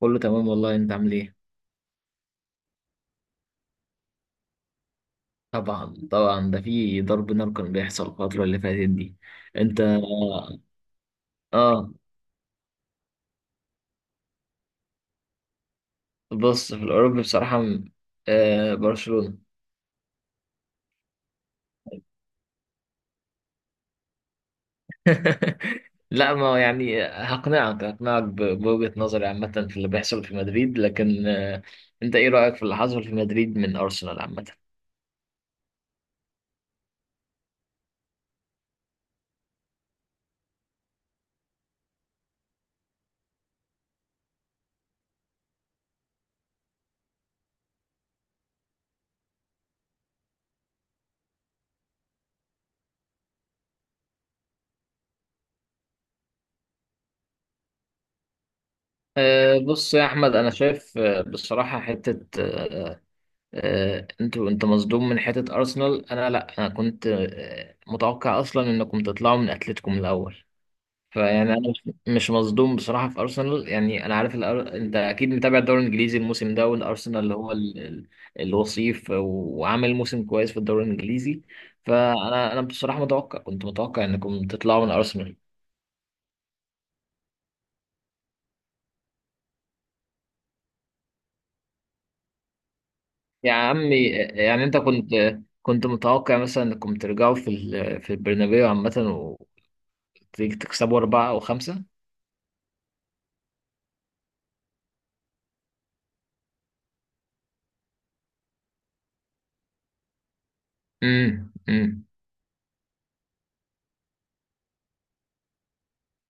كله تمام والله، انت عامل ايه؟ طبعا، ده في ضرب نار كان بيحصل الفترة اللي فاتت دي. انت؟ اه. بص، في الاوروبي بصراحة برشلونة. لا ما يعني، هقنعك بوجهة نظري عامة في اللي بيحصل في مدريد، لكن انت ايه رأيك في اللي حصل في مدريد من ارسنال عامة؟ بص يا احمد، انا شايف آه، بصراحة حتة آه، آه، انت مصدوم من حتة ارسنال، انا لا، انا كنت متوقع اصلا انكم تطلعوا من اتلتيكو من الاول. فيعني انا مش مصدوم بصراحة في ارسنال، يعني انا عارف انت اكيد متابع الدوري الانجليزي الموسم ده، والارسنال اللي هو الوصيف وعامل موسم كويس في الدوري الانجليزي. فانا بصراحة كنت متوقع انكم تطلعوا من ارسنال. يا عمي يعني انت كنت متوقع مثلا انكم ترجعوا في البرنابيو عامة وتكسبوا 4 أو 5؟ امم، امم.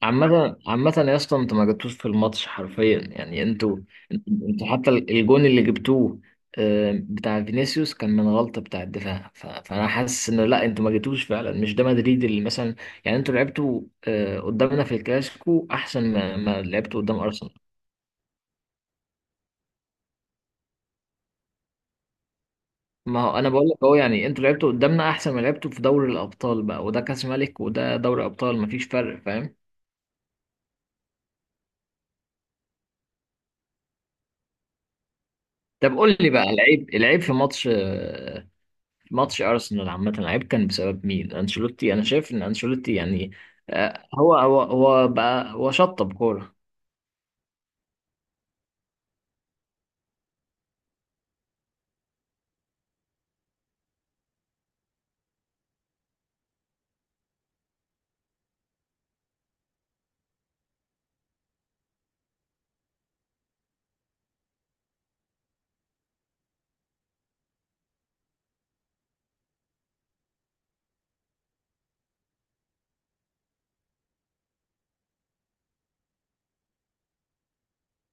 عامة يا اسطى، انتوا ما جبتوش في الماتش حرفيا، يعني انتوا حتى الجون اللي جبتوه بتاع فينيسيوس كان من غلطة بتاع الدفاع، فانا حاسس انه لا، انتوا ما جبتوش فعلا، مش ده مدريد اللي مثلا يعني انتوا لعبتوا قدامنا في الكلاسيكو احسن ما لعبتوا قدام ارسنال. ما هو انا بقول لك اهو، يعني انتوا لعبتوا قدامنا احسن ما لعبتوا في دوري الابطال بقى، وده كاس ملك وده دوري ابطال مفيش فرق، فاهم؟ طب قول لي بقى، العيب، العيب في ماتش ماتش ارسنال عامه العيب كان بسبب مين؟ انشيلوتي؟ انا شايف ان انشيلوتي يعني هو شطب كوره.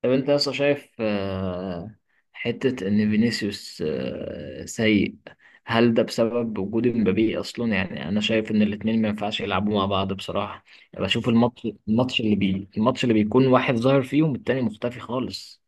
طب انت اصلا شايف حته ان فينيسيوس سيء؟ هل ده بسبب وجود مبابي اصلا؟ يعني انا شايف ان الاتنين ما ينفعش يلعبوا مع بعض بصراحه. بشوف الماتش، الماتش اللي بي الماتش اللي بيكون واحد ظاهر فيهم التاني مختفي خالص.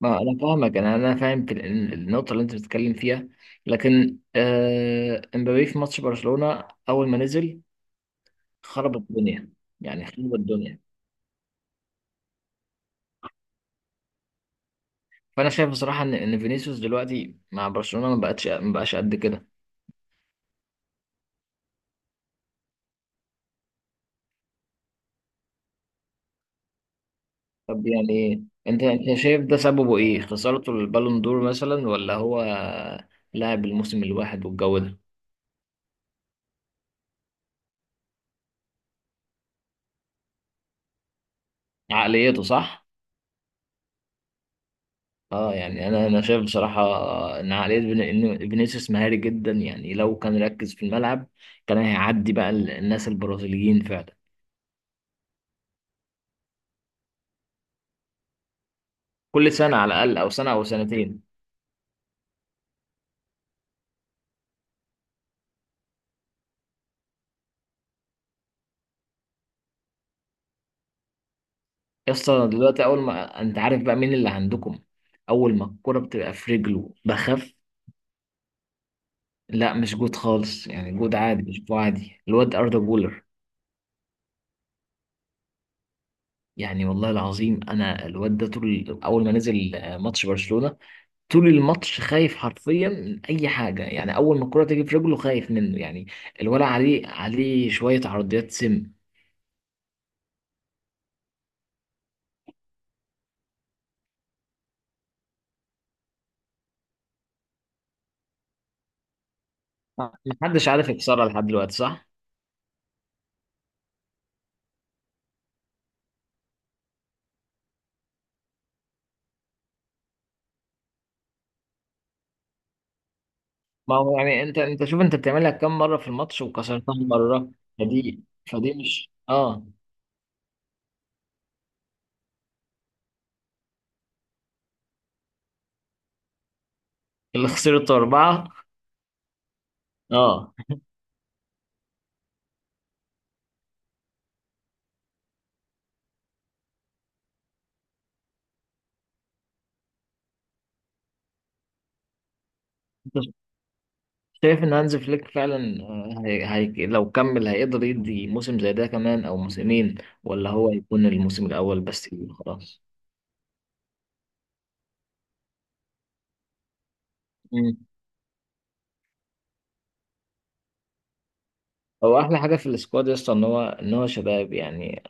ما انا فاهمك، انا فاهم في النقطه اللي انت بتتكلم فيها، لكن امبابي في ماتش برشلونه اول ما نزل خرب الدنيا، يعني خرب الدنيا. فانا شايف بصراحه ان فينيسيوس دلوقتي مع برشلونه ما بقاش قد كده. طب يعني انت شايف ده سببه ايه؟ خسارته البالون دور مثلا، ولا هو لاعب الموسم الواحد والجو ده؟ عقليته، صح. اه، يعني انا شايف بصراحه ان عقليه إن فينيسيوس مهاري جدا، يعني لو كان ركز في الملعب كان هيعدي بقى الناس البرازيليين فعلا. كل سنه على الاقل، او سنه او سنتين. يسطا، دلوقتي اول ما انت عارف بقى مين اللي عندكم، اول ما الكره بتبقى في رجله بخف. لا مش جود خالص، يعني جود عادي، مش جود عادي، الواد اردا جولر. يعني والله العظيم، انا الواد ده طول، اول ما نزل ماتش برشلونه طول الماتش خايف حرفيا من اي حاجه، يعني اول ما الكره تيجي في رجله خايف منه يعني. الولع عليه شويه عرضيات، سم. محدش عارف يكسرها لحد دلوقتي، صح. ما هو يعني انت شوف، انت بتعملها كام مره في الماتش وكسرتها مره؟ فدي، فدي مش اه. اللي خسرته 4؟ اه. انت شايف ان هانز فليك فعلا لو كمل هيقدر يدي موسم زي ده كمان او موسمين، ولا هو يكون الموسم الاول بس؟ خلاص. هو احلى حاجه في السكواد يا اسطى ان هو، شباب يعني.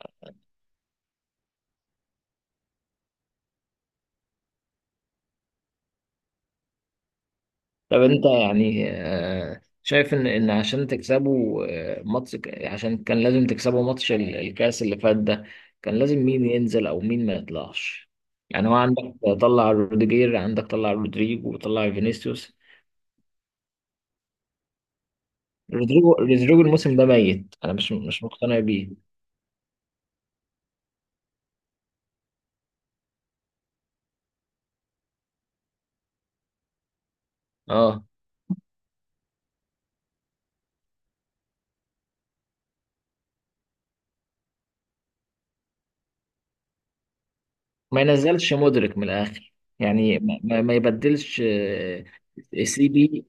طب انت يعني شايف ان عشان تكسبوا ماتش، عشان كان لازم تكسبوا ماتش الكاس اللي فات ده، كان لازم مين ينزل او مين ما يطلعش؟ يعني هو عندك طلع روديجير، عندك طلع رودريجو وطلع فينيسيوس. رودريجو الموسم ده ميت، انا مش مقتنع بيه. اه. ما ينزلش مودريك من الاخر، يعني ما يبدلش سي بي.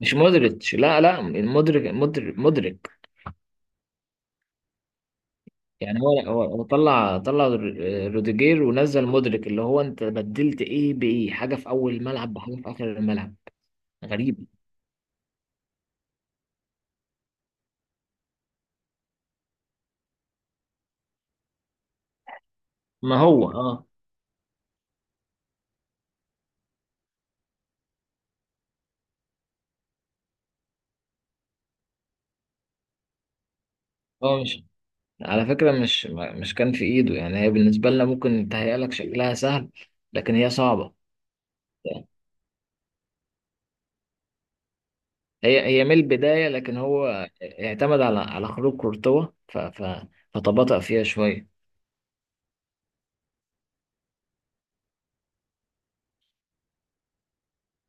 مش مودريتش، لا لا، المدرك، مدرك. يعني هو طلع روديجير ونزل مدرك، اللي هو انت بدلت ايه بايه؟ حاجه في اول الملعب بحاجه في اخر الملعب، غريب. ما هو اه، هو مش، على فكره، مش كان في ايده. يعني هي بالنسبه لنا ممكن تهيأ لك شكلها سهل، لكن هي صعبه. هي من البدايه، لكن هو اعتمد على خروج كورتوا، ف ف فتباطأ فيها شويه.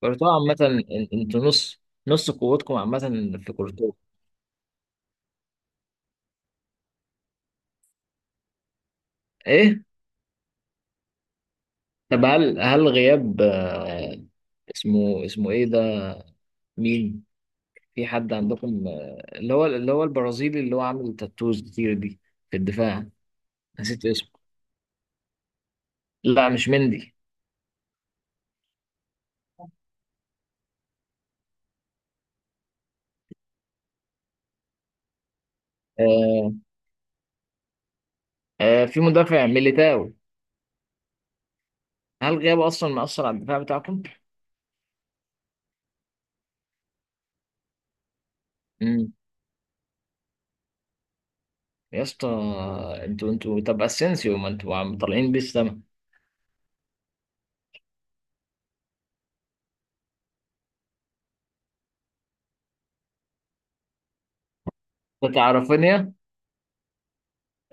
كورتوا عامه، انتوا نص، نص قوتكم عامه في كورتوا. ايه؟ طب هل غياب اسمه، ايه ده؟ مين؟ في حد عندكم اللي هو البرازيلي اللي هو عامل تاتوز كتير دي في الدفاع، نسيت اسمه. لا مش مندي. آه. آه، في مدافع، ميليتاو. هل غيابه اصلا مأثر على الدفاع بتاعكم؟ امم. يا اسطى، انتوا طب اسينسيو، ما انتوا عم طالعين بيه السما. بتاع رافينيا،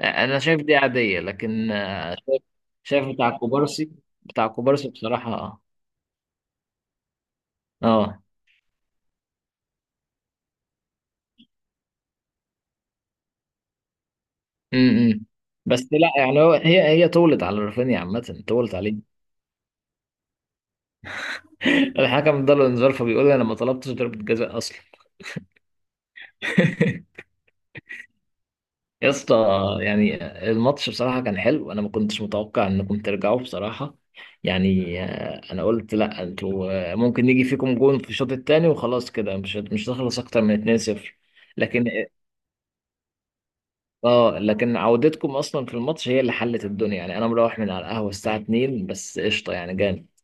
انا شايف دي عادية، لكن شايف بتاع كوبارسي، بتاع كوبارسي بصراحة. اه. امم. بس لا، يعني هو، هي طولت على رافينيا عامة، طولت عليه. الحكم اداله انذار فبيقول انا ما طلبتش ضربة جزاء اصلا. يا اسطى، يعني الماتش بصراحة كان حلو، انا ما كنتش متوقع انكم ترجعوا بصراحة، يعني انا قلت لا انتوا ممكن يجي فيكم جون في الشوط الثاني وخلاص، كده مش هتخلص اكتر من 2-0. لكن اه. لكن عودتكم اصلا في الماتش هي اللي حلت الدنيا، يعني انا مروح من على القهوة الساعة 2 بس، قشطة يعني جامد.